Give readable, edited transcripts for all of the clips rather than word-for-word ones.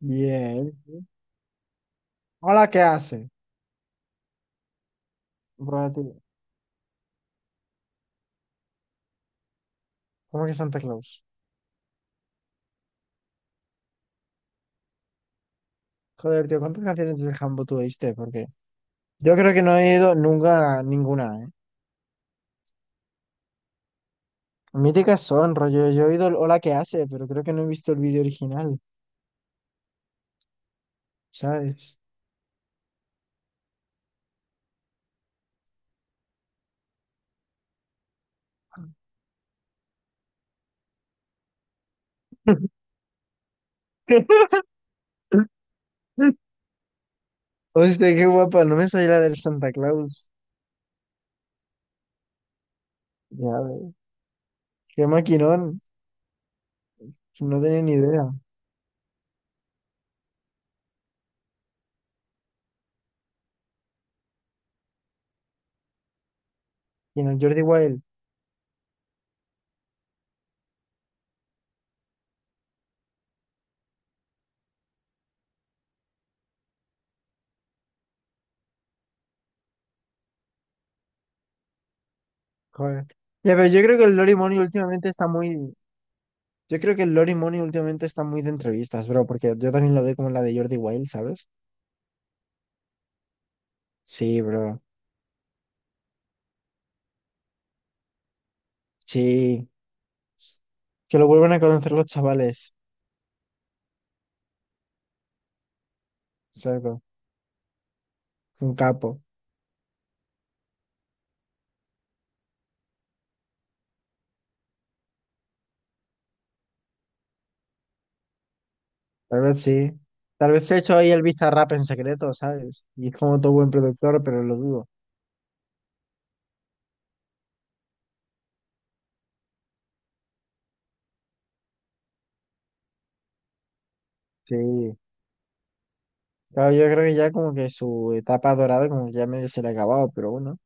Bien. Hola, ¿qué hace? Bro, tío, ¿cómo que Santa Claus? Joder, tío, ¿cuántas canciones de Jambo tú oíste? Porque yo creo que no he ido nunca a ninguna, ¿eh? Míticas son, rollo. Yo he oído el Hola, ¿qué hace? Pero creo que no he visto el vídeo original, ¿sabes? Hostia, qué guapa, no me sabía la del Santa Claus. Ya ves, qué maquinón, no tenía ni idea. Y no, el Jordi Wild, joder. Ya, pero yo creo que el Lori Money últimamente está muy, yo creo que Lori Money últimamente está muy de entrevistas, bro, porque yo también lo veo como la de Jordi Wild, ¿sabes? Sí, bro. Sí. Que lo vuelvan a conocer los chavales. Cerdo. Un capo. Tal vez sí. Tal vez se ha hecho ahí el rap en secreto, ¿sabes? Y es como todo buen productor, pero lo dudo. Sí. Claro, yo creo que ya como que su etapa dorada como que ya medio se le ha acabado, pero bueno.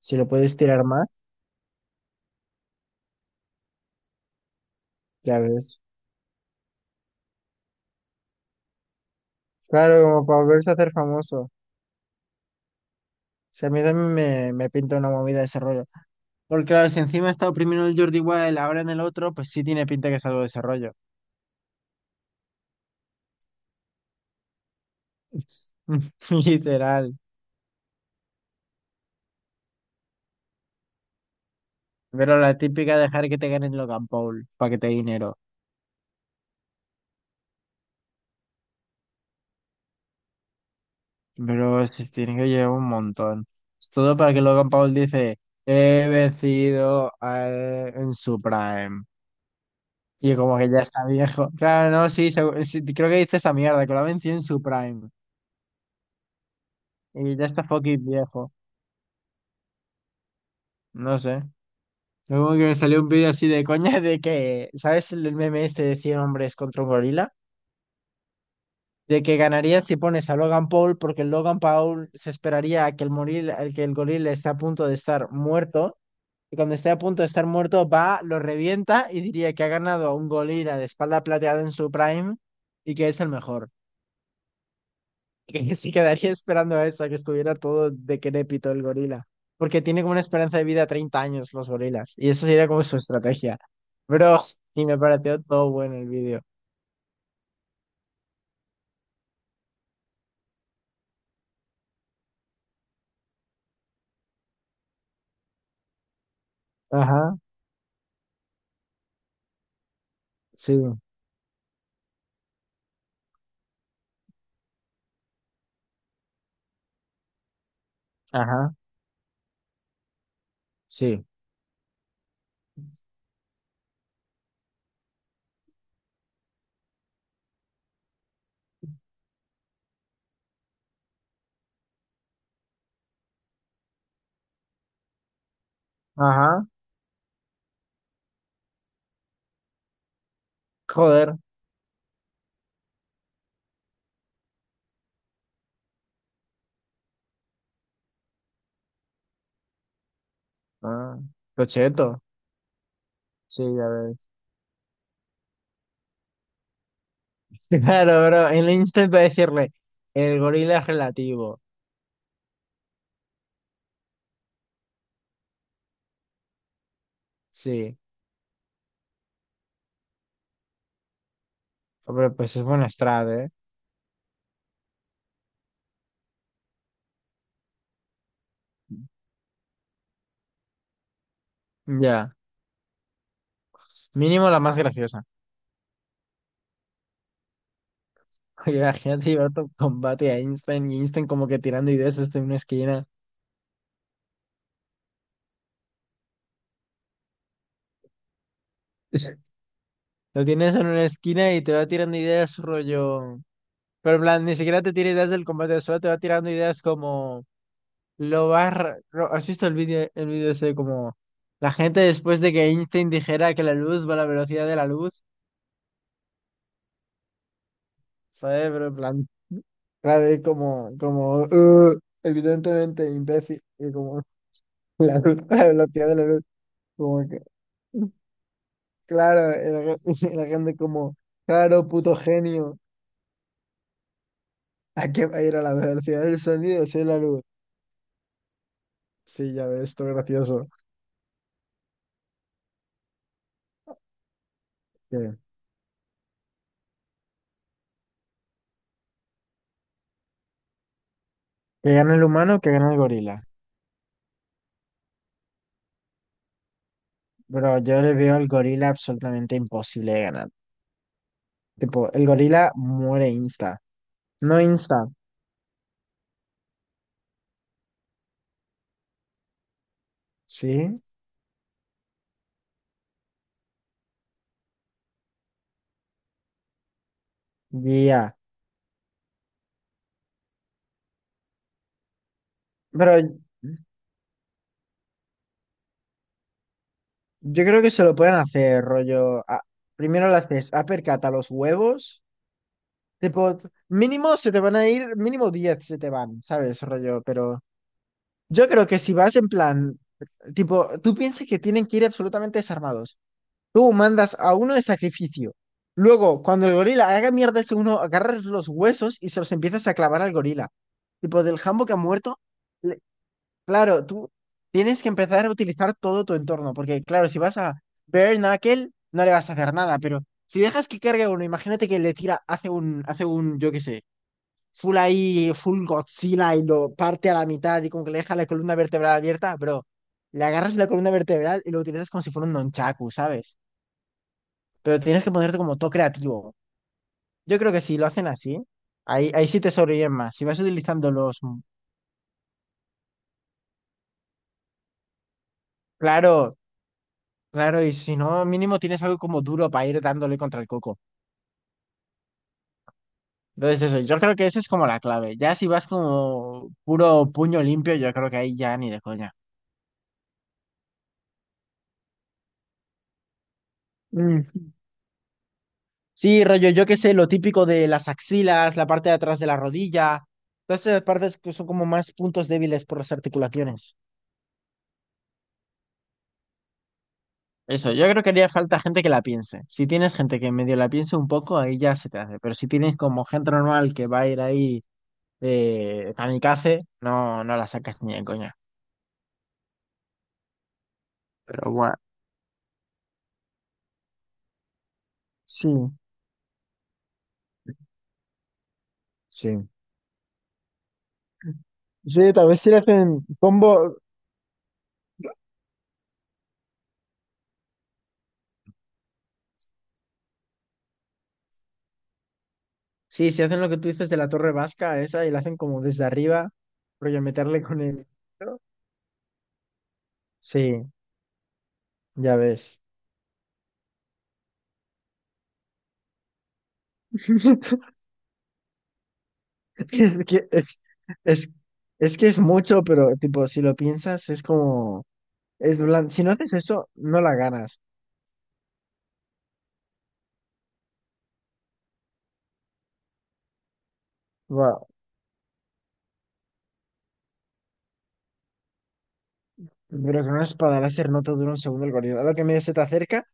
Si lo puedes tirar más, ya ves. Claro, como para volverse a hacer famoso. O sea, a mí también me pinta una movida de ese rollo. Porque claro, si encima está oprimiendo el Jordi Wild, ahora en el otro, pues sí tiene pinta que es algo de desarrollo. Literal. Pero la típica dejar que te ganen Logan Paul para que te dé dinero. Pero se tiene que llevar un montón. Es todo para que Logan Paul dice, he vencido en su prime. Y como que ya está viejo. Claro, no, sí, sí, creo que dice esa mierda, que lo ha vencido en su prime. Y ya está fucking viejo. No sé. Yo como que me salió un vídeo así de coña de que, ¿sabes el meme este de 100 hombres contra un gorila? De que ganarías si pones a Logan Paul porque el Logan Paul se esperaría a que al que el gorila está a punto de estar muerto y cuando esté a punto de estar muerto va, lo revienta y diría que ha ganado a un gorila de espalda plateada en su prime y que es el mejor. Que sí quedaría esperando a eso, a que estuviera todo decrépito el gorila. Porque tiene como una esperanza de vida de 30 años los gorilas. Y eso sería como su estrategia. Bro, y me pareció todo bueno el vídeo. Ajá, sí, ajá, sí, ajá, joder, ah, cocheto, sí, ya ves. Claro, bro, en el instant para decirle, el gorila es relativo, sí, hombre, pues es buena strat, ¿eh? Ya, mínimo la más graciosa. Oye, imagínate llevar tu combate a Einstein y Einstein como que tirando ideas hasta en una esquina. Lo tienes en una esquina y te va tirando ideas, rollo. Pero en plan, ni siquiera te tira ideas del combate, solo te va tirando ideas como lo vas. ¿Has visto el vídeo ese como la gente después de que Einstein dijera que la luz va a la velocidad de la luz? ¿Sabes? Pero en plan, claro, y evidentemente, imbécil", y como la luz, la velocidad de la luz, como que. Claro, el la gente como, claro, puto genio, hay que ir a la velocidad del sonido, sí, la luz. Sí, ya ves, esto es gracioso. Que, que gane el humano, que gane el gorila. Pero yo le veo al gorila absolutamente imposible de ganar. Tipo, el gorila muere insta. No insta, ¿sí? Guía. Pero yo creo que se lo pueden hacer, rollo. Primero le haces uppercut a los huevos. Tipo, mínimo se te van a ir, mínimo 10 se te van, ¿sabes? Rollo, pero yo creo que si vas en plan, tipo, tú piensas que tienen que ir absolutamente desarmados. Tú mandas a uno de sacrificio. Luego, cuando el gorila haga mierda ese uno, agarras los huesos y se los empiezas a clavar al gorila. Tipo, del jambo que ha muerto, le- claro, tú tienes que empezar a utilizar todo tu entorno. Porque, claro, si vas a Bare Knuckle, no le vas a hacer nada. Pero si dejas que cargue a uno, imagínate que le tira, hace un, yo qué sé, full ahí, full Godzilla y lo parte a la mitad y como que le deja la columna vertebral abierta, bro. Le agarras la columna vertebral y lo utilizas como si fuera un nonchaku, ¿sabes? Pero tienes que ponerte como todo creativo. Yo creo que si lo hacen así, ahí, ahí sí te sobreviven más. Si vas utilizando los... Claro, claro, y si no, mínimo tienes algo como duro para ir dándole contra el coco. Entonces eso, yo creo que esa es como la clave. Ya si vas como puro puño limpio, yo creo que ahí ya ni de coña. Sí, rollo, yo qué sé, lo típico de las axilas, la parte de atrás de la rodilla, todas esas partes que son como más puntos débiles por las articulaciones. Eso, yo creo que haría falta gente que la piense. Si tienes gente que medio la piense un poco, ahí ya se te hace. Pero si tienes como gente normal que va a ir ahí kamikaze, no, no la sacas ni de coña. Pero bueno, sí, sí. Sí, tal vez si le hacen combo. Sí, si hacen lo que tú dices de la torre vasca, esa, y la hacen como desde arriba, rollo meterle con el. Sí. Ya ves. Es que es, es que es mucho, pero tipo, si lo piensas, es como, si no haces eso, no la ganas. Wow. Pero con una espada láser no te dura un segundo el gorila. A lo que medio se te acerca.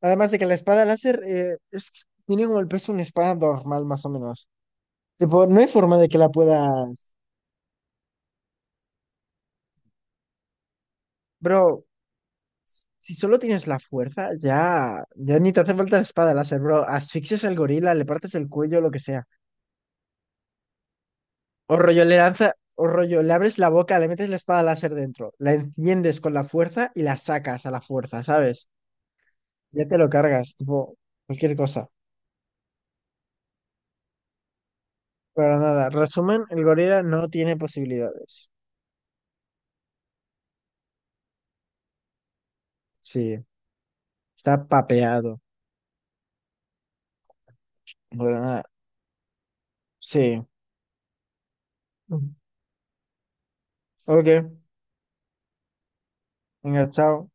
Además de que la espada láser es, tiene como el peso de una espada normal, más o menos. Tipo, no hay forma de que la puedas. Bro, si solo tienes la fuerza, ya, ya ni te hace falta la espada láser, bro. Asfixias al gorila, le partes el cuello, lo que sea. O rollo, le lanza, o rollo, le abres la boca, le metes la espada láser dentro, la enciendes con la fuerza y la sacas a la fuerza, ¿sabes? Ya te lo cargas, tipo, cualquier cosa. Pero nada, resumen, el gorila no tiene posibilidades. Sí, está papeado. Pero nada, sí. Ok, venga, chao.